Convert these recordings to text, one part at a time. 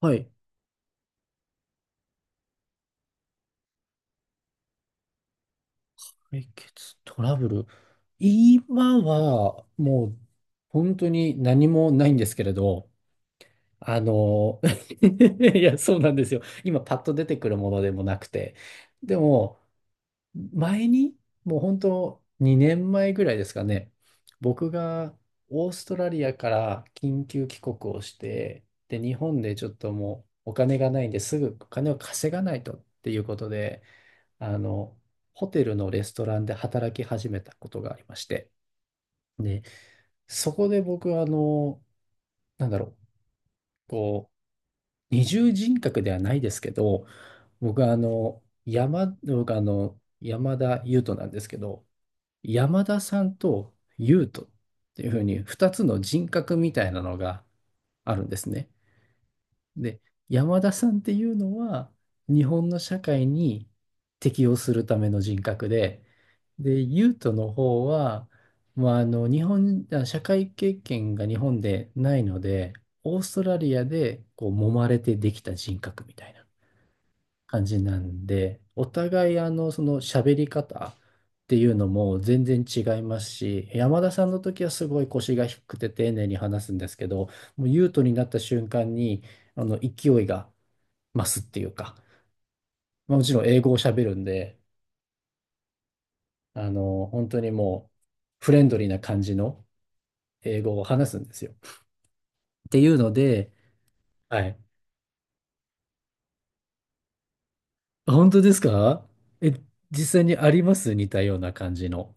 はい。解決トラブル。今は、もう、本当に何もないんですけれど、あの、いや、そうなんですよ。今、パッと出てくるものでもなくて。でも、前に、もう本当、2年前ぐらいですかね、僕がオーストラリアから緊急帰国をして、で、日本でちょっともう、お金がないんですぐお金を稼がないとっていうことで、あの、ホテルのレストランで働き始めたことがありまして、で、そこで僕は、なんだろう、こう、二重人格ではないですけど、僕は山田優斗なんですけど、山田さんと優斗っていうふうに、二つの人格みたいなのがあるんですね。で、山田さんっていうのは、日本の社会に適応するための人格で、で、ユートの方は、まあ、日本、あ社会経験が日本でないので、オーストラリアでこう揉まれてできた人格みたいな感じなんで、お互いその喋り方っていうのも全然違いますし、山田さんの時はすごい腰が低くて丁寧に話すんですけど、もう優斗になった瞬間に、勢いが増すっていうか、まあ、もちろん英語を喋るんで、本当にもうフレンドリーな感じの英語を話すんですよ。っていうので、はい。あ、本当ですか？え、実際にあります、似たような感じの？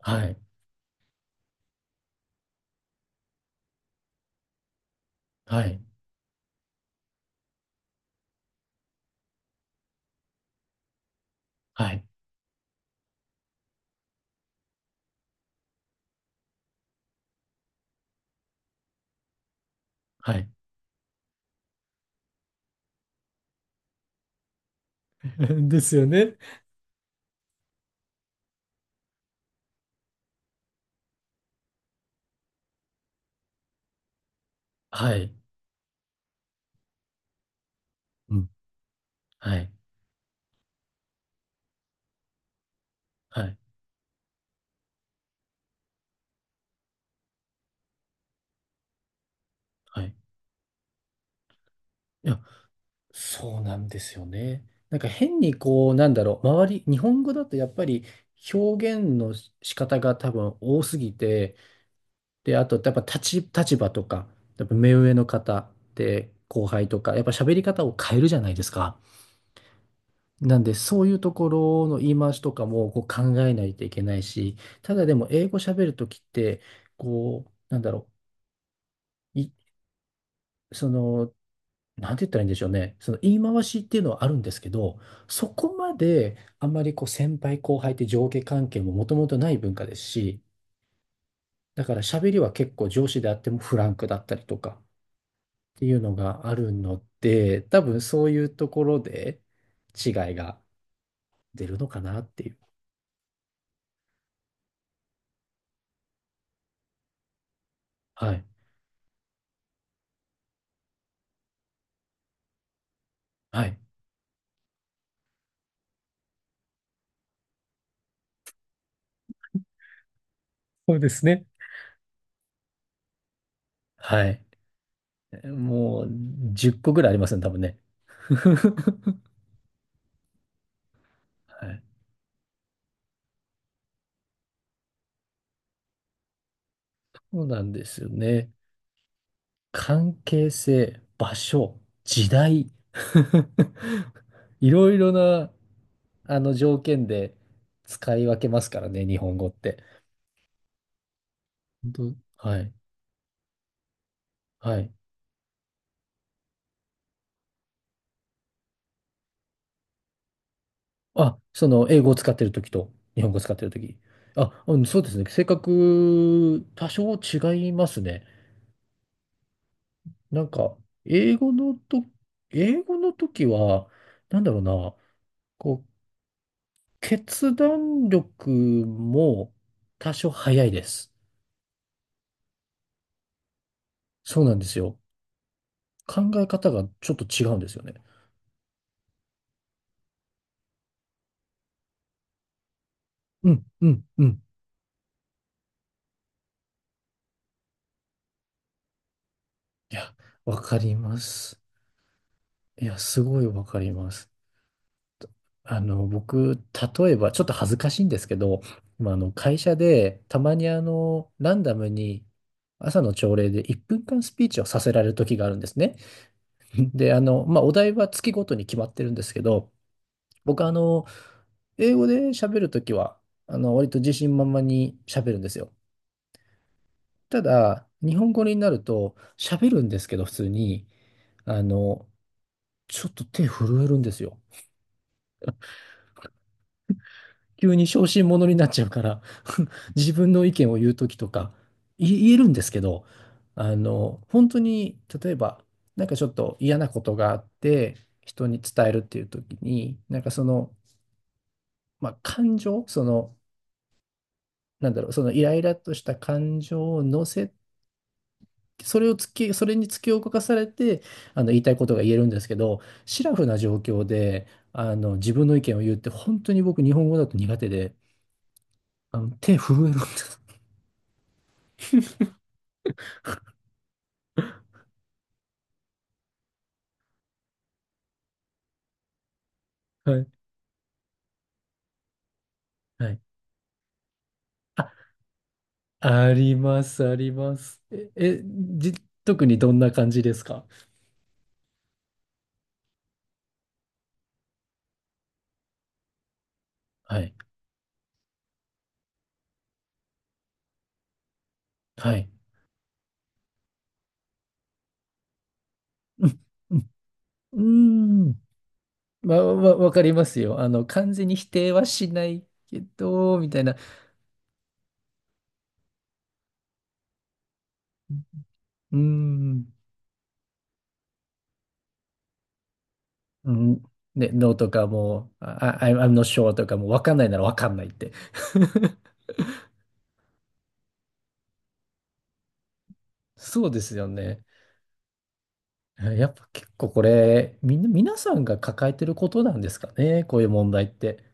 はい。はい。はい。はい。ですよね。はい。うん。はい。はい。はい。いや、そうなんですよね。なんか変にこう、なんだろう、日本語だとやっぱり表現の仕方が多分多すぎて、で、あとやっぱ立場とか、やっぱ目上の方で後輩とか、やっぱ喋り方を変えるじゃないですか。なんで、そういうところの言い回しとかもこう考えないといけないし、ただでも英語喋るときって、こう、なんだろう、いそのなんて言ったらいいんでしょうね。その言い回しっていうのはあるんですけど、そこまであんまりこう先輩後輩って上下関係ももともとない文化ですし、だから喋りは結構上司であってもフランクだったりとかっていうのがあるので、多分そういうところで違いが出るのかなっていう。はい。はい。そうですね。はい。もう10個ぐらいありますね、多分ね。はい。そうなんですよね。関係性、場所、時代。いろいろな、あの条件で使い分けますからね、日本語って。本当、はい。はい。あ、英語を使ってるときと、日本語を使ってるとき。あ、うん、そうですね。性格、多少違いますね。なんか、英語のと、英語のときは、なんだろうな、こう、決断力も多少早いです。そうなんですよ。考え方がちょっと違うんですよね。うん、うん、うん。いや、わかります。いや、すごいわかります。僕、例えば、ちょっと恥ずかしいんですけど、まあ、会社で、たまにランダムに、朝の朝礼で1分間スピーチをさせられる時があるんですね。で、まあ、お題は月ごとに決まってるんですけど、僕、英語で喋るときは、割と自信満々に喋るんですよ。ただ、日本語になると喋るんですけど、普通に、あの、ちょっと手震えるんですよ。急に小心者になっちゃうから 自分の意見を言うときとか、言えるんですけど、本当に、例えば、なんかちょっと嫌なことがあって、人に伝えるっていうときに、なんかその、まあ、感情、なんだろう、そのイライラとした感情を乗せそれに突き動かされて、言いたいことが言えるんですけど、シラフな状況で、自分の意見を言うって、本当に僕、日本語だと苦手で、手震えるんです。はい。はい。あ、あります、あります。じ、特にどんな感じですか？はい。はい。うん。うん。うーん、まあ、わかりますよ。完全に否定はしないけど、みたいな。うーん。うん、ね、No とかもう、あ、 I'm not sure とかもうわかんないならわかんないって。そうですよね。やっぱ結構これ、みんな、皆さんが抱えてることなんですかね、こういう問題って？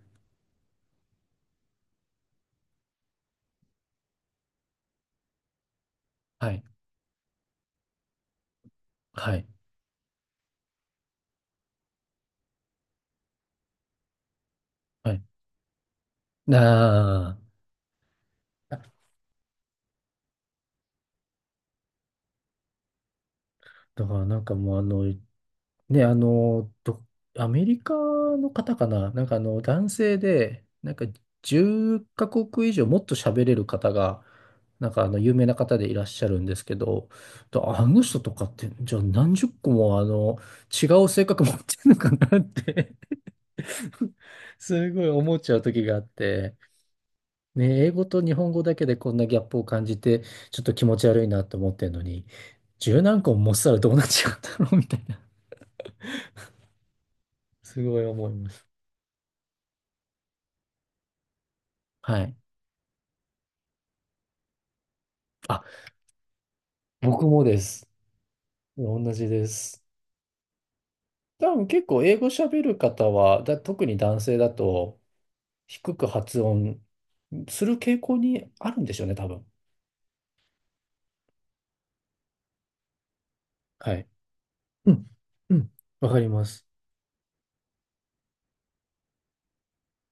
はい。はい。はい。ああ。だからなんかもうね、アメリカの方かな、なんか男性で、なんか10カ国以上もっと喋れる方が、なんか有名な方でいらっしゃるんですけど、とあの人とかって、じゃあ何十個も違う性格持ってるのかなって すごい思っちゃう時があって、ね、英語と日本語だけでこんなギャップを感じて、ちょっと気持ち悪いなと思ってるのに、十何個も持ってたらどうなっちゃうただろうみたいな、すごい思います。はい。僕もです。同じです。多分結構英語喋る方は、特に男性だと低く発音する傾向にあるんでしょうね、多分。はい。うん。うん。わかります。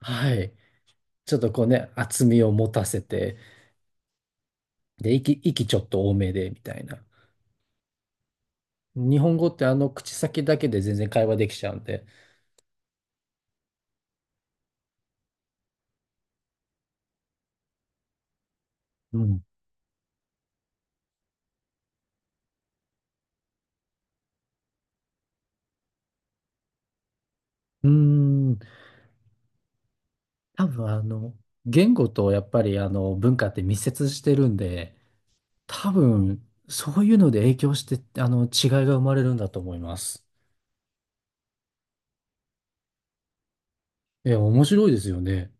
はい。ちょっとこうね、厚みを持たせて、で、息ちょっと多めで、みたいな。日本語ってあの口先だけで全然会話できちゃうんで。うん。うーん。多分言語とやっぱりあの文化って密接してるんで、多分、そういうので影響して、違いが生まれるんだと思います。いや、面白いですよね。